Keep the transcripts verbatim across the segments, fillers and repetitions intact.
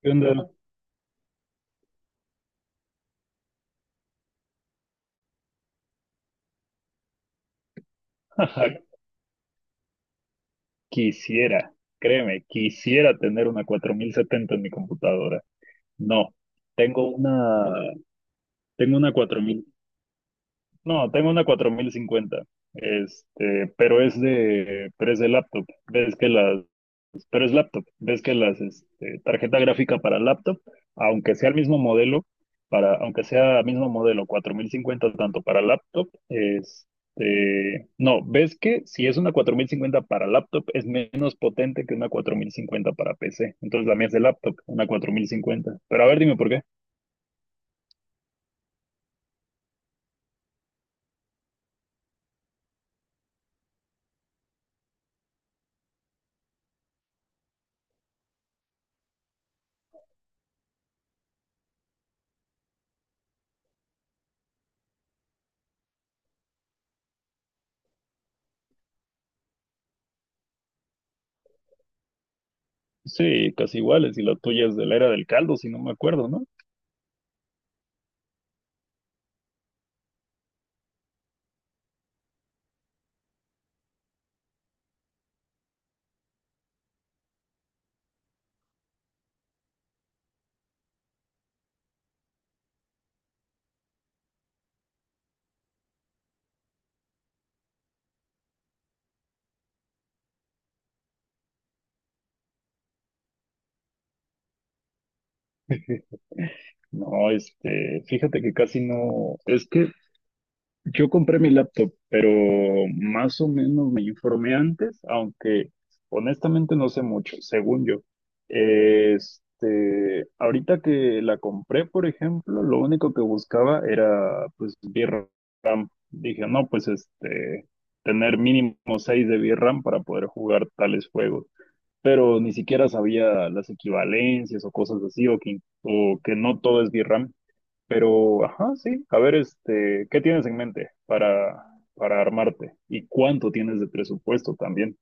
¿Qué onda? Quisiera, créeme, quisiera tener una cuatro mil setenta en mi computadora. No, tengo una, tengo una cuatro mil, no, tengo una cuatro mil cincuenta, este, pero es de, pero es de laptop. Ves que las pero es laptop. Ves que las este, tarjeta gráfica para laptop, aunque sea el mismo modelo, para, aunque sea el mismo modelo, cuatro mil cincuenta tanto para laptop, este, no, ves que si es una cuatro mil cincuenta para laptop es menos potente que una cuarenta cincuenta para P C. Entonces la mía es de laptop, una cuatro mil cincuenta. Pero a ver, dime por qué. Sí, casi iguales, y la tuya es de la era del caldo, si no me acuerdo, ¿no? No, este, fíjate que casi no, es que yo compré mi laptop, pero más o menos me informé antes, aunque honestamente no sé mucho, según yo. Este, ahorita que la compré, por ejemplo, lo único que buscaba era pues v ram. Dije, no, pues este, tener mínimo seis de v ram para poder jugar tales juegos. Pero ni siquiera sabía las equivalencias o cosas así, o que, o que no todo es v ram. Pero, ajá, sí. A ver, este, ¿qué tienes en mente para, para armarte? ¿Y cuánto tienes de presupuesto también?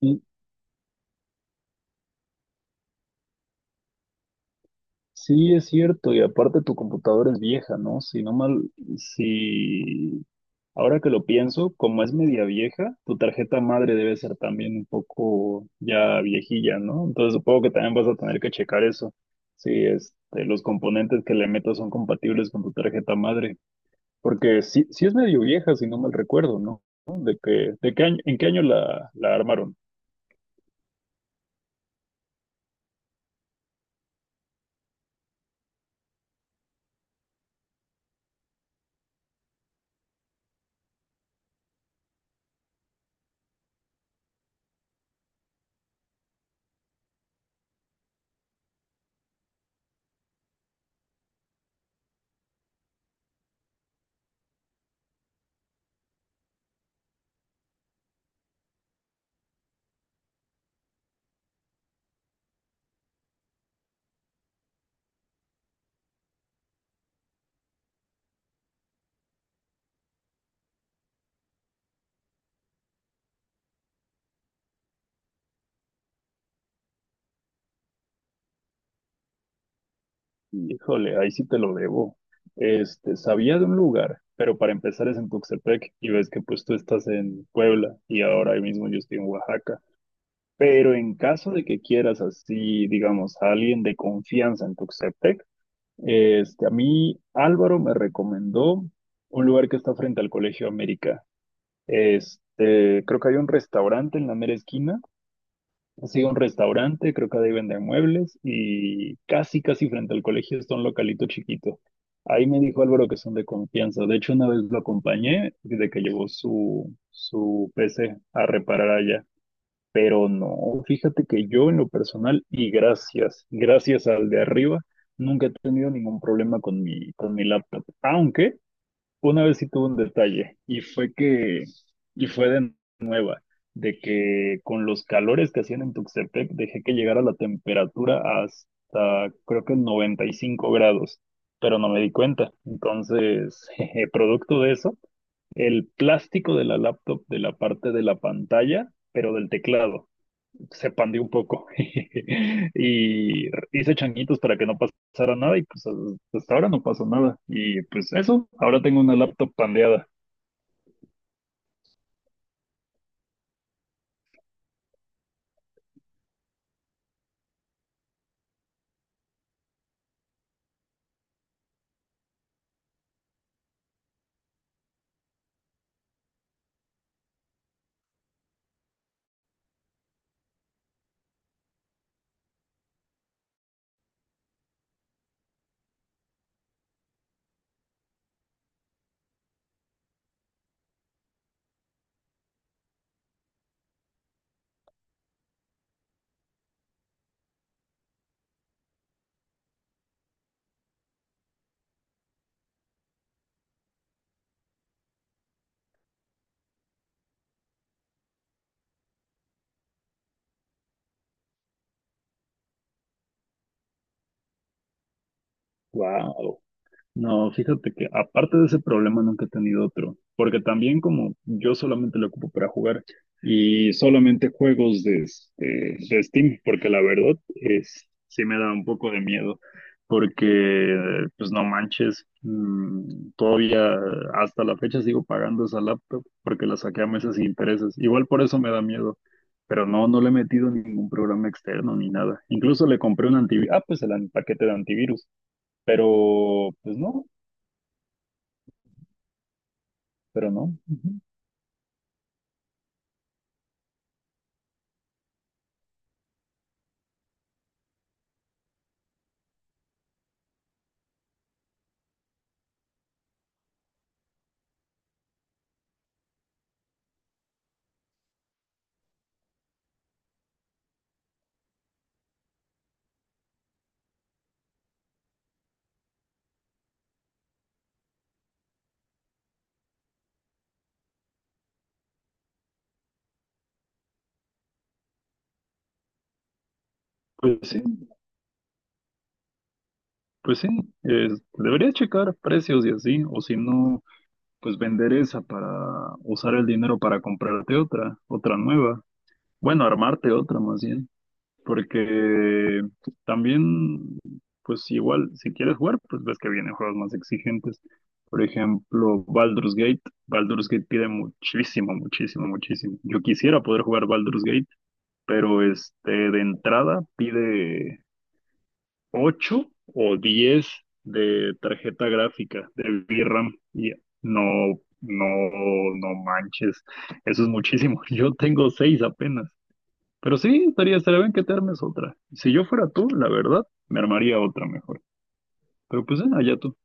Sí, sí, es cierto. Y aparte tu computadora es vieja, ¿no? Si no mal, si ahora que lo pienso, como es media vieja, tu tarjeta madre debe ser también un poco ya viejilla, ¿no? Entonces supongo que también vas a tener que checar eso. Si este, los componentes que le metas son compatibles con tu tarjeta madre. Porque sí, sí es medio vieja, si no mal recuerdo, ¿no? ¿No? ¿De que de qué año, en qué año la, la armaron? Híjole, ahí sí te lo debo. Este, sabía de un lugar, pero para empezar es en Tuxtepec y ves que pues tú estás en Puebla y ahora ahí mismo yo estoy en Oaxaca. Pero en caso de que quieras así, digamos, a alguien de confianza en Tuxtepec, este, a mí Álvaro me recomendó un lugar que está frente al Colegio América. Este, creo que hay un restaurante en la mera esquina. Sí, un restaurante, creo que ahí venden muebles y casi, casi frente al colegio está un localito chiquito. Ahí me dijo Álvaro que son de confianza. De hecho, una vez lo acompañé desde que llevó su, su P C a reparar allá. Pero no, fíjate que yo en lo personal y gracias, gracias al de arriba, nunca he tenido ningún problema con mi, con mi laptop. Aunque una vez sí tuve un detalle y fue que, y fue de nueva, de que con los calores que hacían en Tuxtepec dejé que llegara la temperatura hasta creo que noventa y cinco grados, pero no me di cuenta. Entonces, jeje, producto de eso, el plástico de la laptop de la parte de la pantalla, pero del teclado, se pandió un poco y hice changuitos para que no pasara nada y pues hasta ahora no pasó nada. Y pues eso, ahora tengo una laptop pandeada. Wow. No, fíjate que aparte de ese problema nunca he tenido otro, porque también como yo solamente lo ocupo para jugar y solamente juegos de, este, de Steam, porque la verdad es, sí me da un poco de miedo, porque pues no manches, mm, todavía hasta la fecha sigo pagando esa laptop porque la saqué a meses sin intereses, igual por eso me da miedo. Pero no, no le he metido ningún programa externo ni nada. Incluso le compré un antivirus. Ah, pues el an- paquete de antivirus. Pero, pues no, pero no. Ujú. Pues sí, pues sí, es- debería checar precios y así, o si no, pues vender esa para usar el dinero para comprarte otra, otra nueva. Bueno, armarte otra más bien, porque también, pues igual, si quieres jugar, pues ves que vienen juegos más exigentes. Por ejemplo, Baldur's Gate. Baldur's Gate pide muchísimo, muchísimo, muchísimo. Yo quisiera poder jugar Baldur's Gate, pero este, de entrada pide ocho o diez de tarjeta gráfica de v ram y no, no, no manches, eso es muchísimo. Yo tengo seis apenas, pero sí, estaría, estaría bien que te armes otra. Si yo fuera tú, la verdad, me armaría otra mejor. Pero pues, eh, allá tú.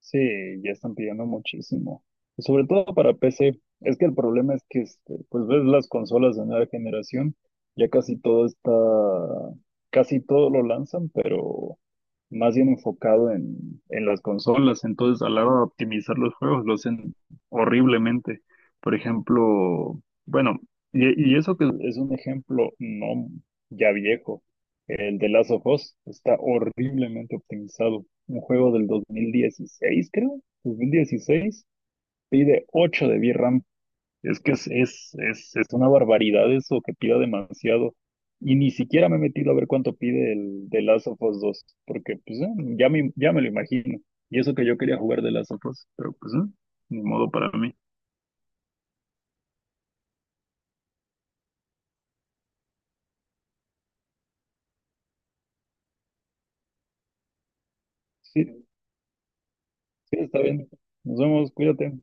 Sí, ya están pidiendo muchísimo. Sobre todo para P C. Es que el problema es que, este, pues ves las consolas de nueva generación, ya casi todo está, casi todo lo lanzan, pero más bien enfocado en, en las consolas. Entonces, a la hora de optimizar los juegos, lo hacen horriblemente. Por ejemplo, bueno, y, y eso que es un ejemplo no ya viejo, el de Last of Us está horriblemente optimizado. Un juego del dos mil dieciséis, creo. dos mil dieciséis pide ocho de V RAM. Es que es, es, es, es una barbaridad eso que pida demasiado. Y ni siquiera me he metido a ver cuánto pide el de Last of Us dos, porque pues eh, ya me, ya me lo imagino. Y eso que yo quería jugar de Last of Us, pero pues eh, ni modo para mí. Sí, sí, está bien. Nos vemos, cuídate.